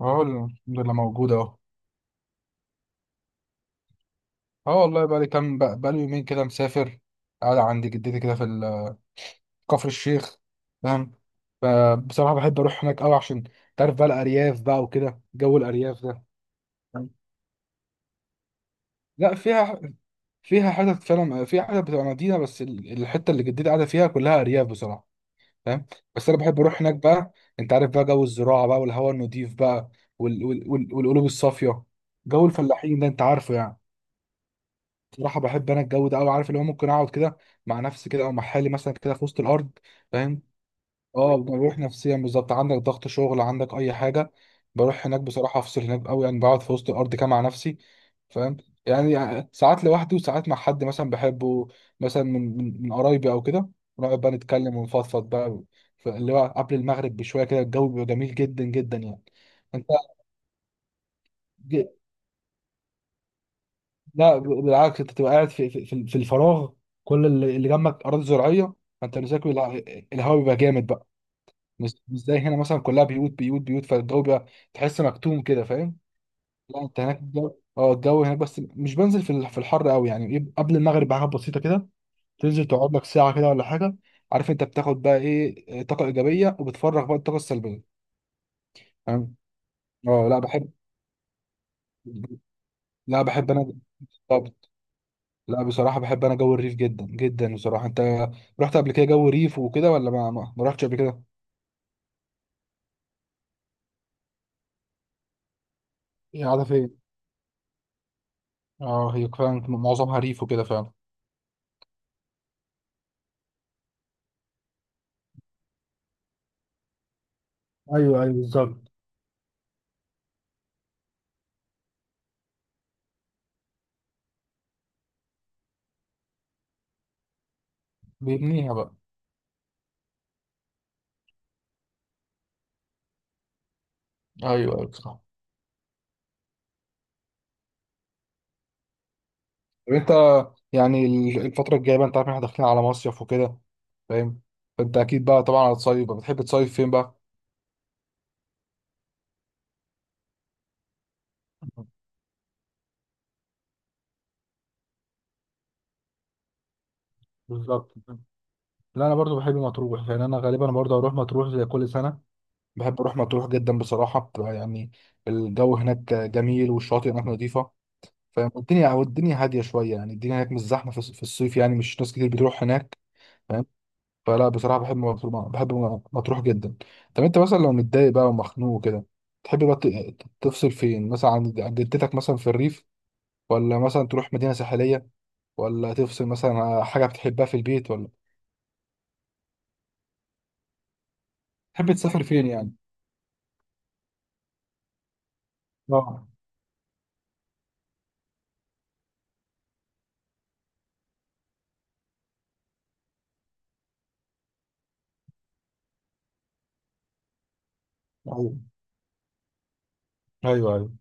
اه الحمد لله موجود اهو. اه والله بقى لي كام، بقى لي يومين كده مسافر، قاعد عند جدتي كده في كفر الشيخ. فاهم؟ ف- بصراحة بحب اروح هناك قوي عشان تعرف بقى الارياف بقى وكده جو الارياف ده. فاهم؟ لا فيها، فيها حتت فعلا، فيها حتت بتبقى مدينة بس الحتة اللي جدتي قاعدة فيها كلها ارياف بصراحة. فاهم؟ بس انا بحب اروح هناك بقى، انت عارف بقى جو الزراعة بقى والهواء النضيف بقى والقلوب الصافية، جو الفلاحين ده انت عارفه يعني. بصراحة بحب أنا الجو ده أوي، عارف اللي هو ممكن أقعد كده مع نفسي كده أو مع حالي مثلا كده في وسط الأرض. فاهم؟ أه بروح نفسيا بالظبط، عندك ضغط شغل عندك أي حاجة، بروح هناك بصراحة أفصل هناك أوي يعني، بقعد في وسط الأرض كده مع نفسي. فاهم؟ يعني ساعات لوحدي وساعات مع حد مثلا بحبه، مثلا من قرايبي أو كده، ونقعد بقى نتكلم ونفضفض بقى. اللي هو قبل المغرب بشوية كده الجو بيبقى جميل جدا جدا يعني. أنت، لا بالعكس انت تبقى قاعد في الفراغ، كل اللي جنبك اراضي زراعيه، فانت مساك، الهواء بيبقى جامد بقى. مش زي هنا مثلا كلها بيوت بيوت بيوت فالجو بيبقى تحس مكتوم كده. فاهم؟ لا انت هناك الجو، الجو هناك بس مش بنزل في في الحر قوي يعني، ايه قبل المغرب بحاجه بسيطه كده، تنزل تقعد لك ساعه كده ولا حاجه، عارف انت بتاخد بقى ايه طاقه ايجابيه وبتفرغ بقى الطاقه السلبيه. فاهم؟ اه، لا بحب انا. لا بصراحة بحب أنا جو الريف جدا جدا بصراحة، أنت رحت قبل كده جو ريف وكده ولا ما رحتش قبل كده؟ هي قاعدة فين؟ أه هي فعلا معظمها ريف وكده فعلا. أيوه أيوه بالظبط. بيبنيها بقى. أيوه أيوه بصراحة. طب أنت، يعني الفترة الجاية بقى أنت عارف إن إحنا داخلين على مصيف وكده. فاهم؟ فأنت أكيد بقى طبعا هتصيف بقى، بتحب تصيف فين بقى؟ بالظبط. لا أنا برضو بحب مطروح يعني، أنا غالبا برضو هروح مطروح زي كل سنة، بحب أروح مطروح جدا بصراحة، بتبقى يعني الجو هناك جميل والشواطئ هناك نظيفة. فاهم؟ والدنيا، والدنيا هاديه شويه يعني، الدنيا هناك مش زحمه في الصيف يعني، مش ناس كتير بتروح هناك. فاهم؟ فلا بصراحه بحب مطروح، بحب مطروح جدا. طب انت مثلا لو متضايق بقى ومخنوق كده، تحب بقى تفصل فين مثلا عن جدتك مثلا في الريف، ولا مثلا تروح مدينه ساحليه، ولا تفصل مثلا على حاجه بتحبها في البيت، ولا تحب تسافر فين يعني؟ اه، ايوه ايوه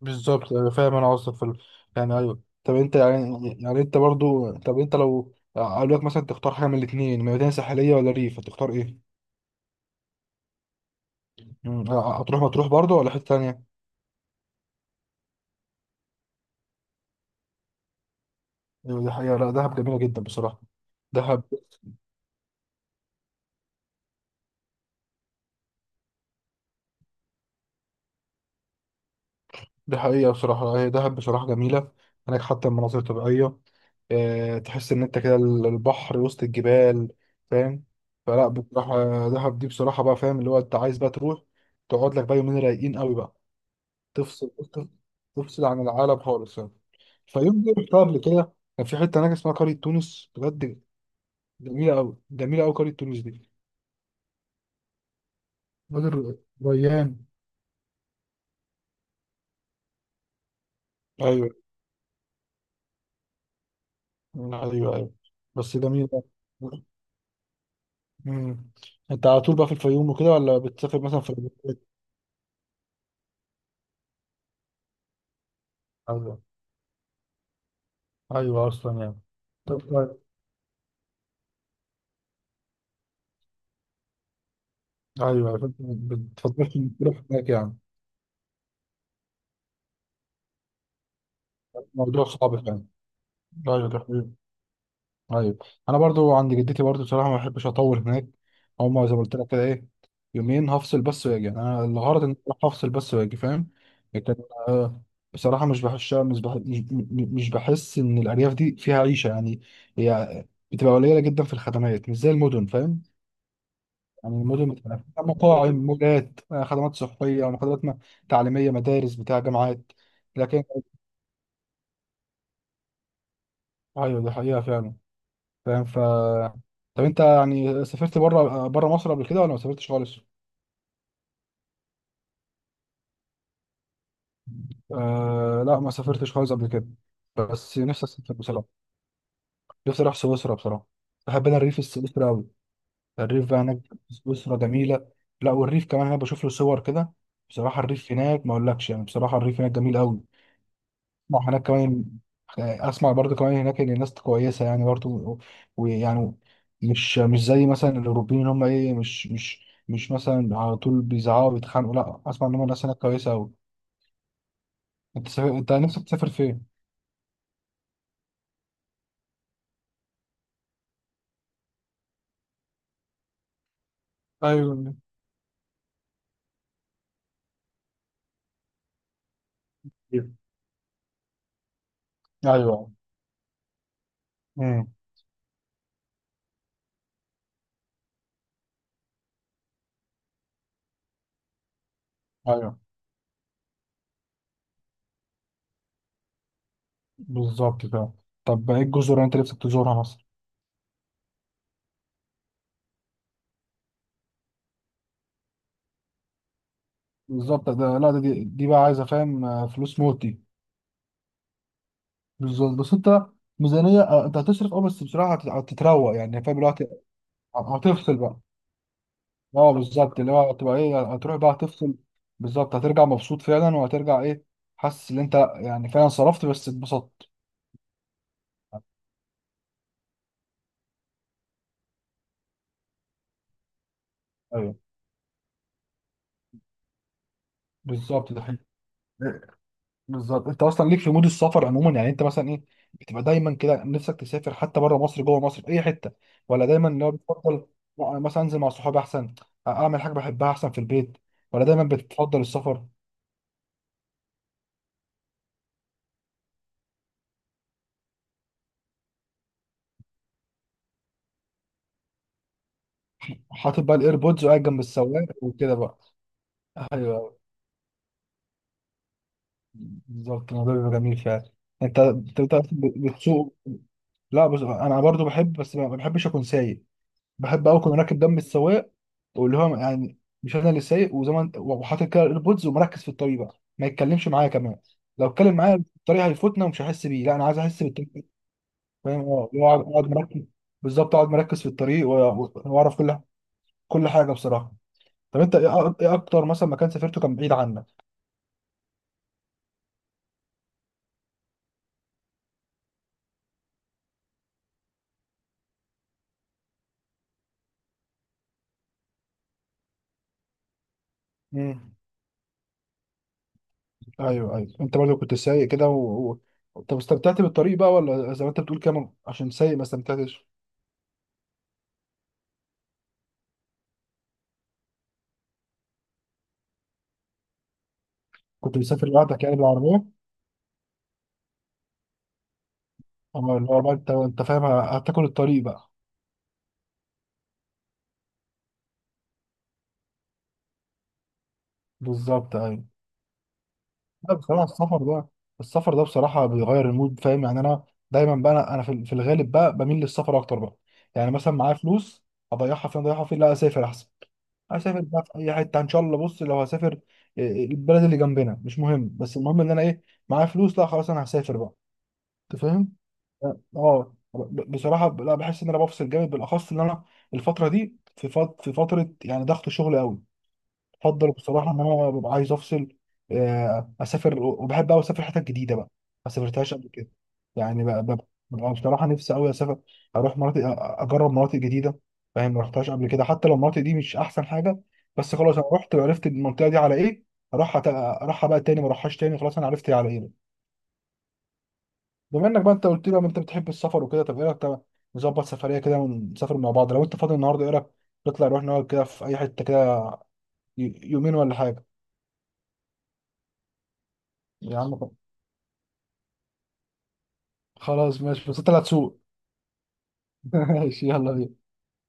بالظبط، أنا فاهم انا قصدك في ال... يعني ايوه، طب انت يعني يعني انت برضو طب انت لو اقول لك مثلا تختار حاجه من الاثنين مدينه ساحليه ولا ريف هتختار ايه؟ مم، هتروح مطروح برضو ولا حته تانيه؟ ايوه دي حقيقه، لا دهب جميله جدا بصراحه. دهب دي حقيقه بصراحه، هي دهب بصراحه جميله، هناك حتى المناظر الطبيعيه، آه، تحس ان انت كده البحر وسط الجبال. فاهم؟ فلا بصراحه دهب دي بصراحه بقى، فاهم اللي هو انت عايز بقى تروح تقعد لك بقى يومين رايقين قوي بقى، تفصل، تفصل عن العالم خالص يعني. فيوم دي رحتها قبل كده، كان في حته هناك اسمها قريه تونس بجد، جميله قوي جميله قوي قريه تونس دي. وادي الريان. ايوه ايوه ايوه. بس جميله. مم. انت على طول بقى في الفيوم وكده ولا بتسافر مثلا في الريف؟ ايوه ايوه اصلا يعني. طب طيب. ايوه فأنت بتفضلش انك تروح هناك يعني. موضوع صعب يعني. ايوه ده حقيقي. ايوه. انا برضو عند جدتي برضو بصراحه ما بحبش اطول هناك، هما زي ما قلت لك كده، ايه، يومين هفصل بس واجي، انا الغرض ان أنا هفصل بس واجي. فاهم؟ لكن، آه، بصراحه مش بحس مش بح- مش مش بحس ان الارياف دي فيها عيشه يعني، هي بتبقى قليله جدا في الخدمات مش زي المدن. فاهم؟ يعني المدن بتبقى فيها مطاعم، مولات، آه، خدمات صحيه، خدمات تعليميه، مدارس، بتاع جامعات. لكن، ايوه دي حقيقه فعلا. فاهم طب انت يعني سافرت بره مصر قبل كده ولا ما سافرتش خالص؟ آه لا ما سافرتش خالص قبل كده، بس نفسي اسافر بصراحه، نفسي اروح سويسرا بصراحه، بحب انا الريف السويسري قوي. الريف بقى هناك في سويسرا جميله، لا والريف كمان انا بشوف له صور كده، بصراحه الريف هناك ما اقولكش يعني، بصراحه الريف هناك جميل قوي، ما هناك كمان، اسمع برضو كمان هناك ان الناس كويسه يعني برضو، ويعني مش زي مثلا الاوروبيين اللي هم ايه، مش مثلا على طول بيزعقوا ويتخانقوا، لا اسمع ان هم الناس هناك كويسه قوي. انت انت نفسك تسافر فين؟ ايوه. إيه. ايوه. امم. ايوه بالظبط كده. طب ايه الجزر اللي انت نفسك تزورها مثلا؟ بالظبط ده، لا ده دي بقى عايزه، فاهم، آه، فلوس موت دي. بالظبط. بس انت ميزانيه، آه، انت هتصرف اه بس بصراحه هتتروق يعني، فاهم اللي هو هتفصل بقى. اه بالظبط اللي هو هتبقى ايه، هتروح بقى هتفصل بالظبط، هترجع مبسوط فعلا، وهترجع ايه، حاسس ان انت يعني فعلا صرفت بس اتبسطت. ايوه بالظبط ده حقيقي. إيه، بالظبط انت اصلا ليك في مود السفر عموما يعني، انت مثلا ايه، بتبقى دايما كده نفسك تسافر حتى بره مصر جوه مصر في اي حته ولا دايما اللي هو بتفضل، لا انا مثلا انزل مع صحابي احسن، اعمل حاجه بحبها احسن في البيت ولا دايما بتفضل السفر، حاطط بقى الايربودز وقاعد جنب السواق وكده بقى. ايوه بالظبط الموضوع بيبقى جميل فعلا. انت بتبقى بتسوق، لا بس انا برضو بحب بس ما بحبش اكون سايق، بحب قوي اكون راكب دم السواق، واللي هو يعني مش انا اللي سايق، وزي ما انت، وحاطط كده الايربودز ومركز في الطريق بقى ما يتكلمش معايا كمان، لو اتكلم معايا في الطريق هيفوتنا ومش هحس بيه، لا انا عايز احس بالطريق. فاهم؟ اه اللي هو اقعد، أقعد مركز بالظبط، اقعد مركز في الطريق، واعرف كل حاجه بصراحه. طب انت ايه ايه اكتر مثلا مكان سافرته كان بعيد عنك؟ ايوه ايوه، انت برضه كنت سايق كده و... و... طب استمتعت بالطريق بقى ولا زي ما انت بتقول كده عشان سايق ما استمتعتش؟ كنت مسافر لوحدك يعني بالعربيه؟ اما اللي هو بقى انت انت فاهم هتاكل الطريق بقى. بالظبط ايوه. لا بصراحه السفر ده، السفر ده بصراحه بيغير المود. فاهم؟ يعني انا دايما بقى، انا أنا في الغالب بقى بميل للسفر اكتر بقى، يعني مثلا معايا فلوس، اضيعها فين اضيعها فين، لا اسافر احسن، اسافر بقى في اي حته ان شاء الله، بص لو هسافر، إيه، البلد اللي جنبنا مش مهم، بس المهم ان انا ايه، معايا فلوس، لا خلاص انا هسافر بقى. انت فاهم؟ اه بصراحه لا بحس ان انا بفصل جامد، بالاخص ان انا الفتره دي في في فتره يعني ضغط شغل قوي، بفضل بصراحه ان انا ببقى عايز افصل، آه، اسافر، وبحب قوي اسافر حتت جديده بقى ما سافرتهاش قبل كده، يعني ببقى بصراحه نفسي قوي اسافر، اروح مناطق اجرب مناطق جديده. فاهم؟ ما رحتهاش قبل كده، حتى لو المناطق دي مش احسن حاجه، بس خلاص انا رحت وعرفت المنطقه دي على ايه، اروح اروحها بقى تاني، ما اروحهاش تاني، خلاص انا عرفت هي على ايه. بما انك بقى انت قلت لي بقى انت بتحب السفر وكده، طب ايه رايك، طب نظبط سفريه كده ونسافر مع بعض، لو انت فاضي النهارده ايه رايك، نطلع نروح نقعد كده في اي حته كده يومين ولا حاجه. يا عم، خلاص ماشي، بس انت اللي هتسوق. ماشي، يلا بينا.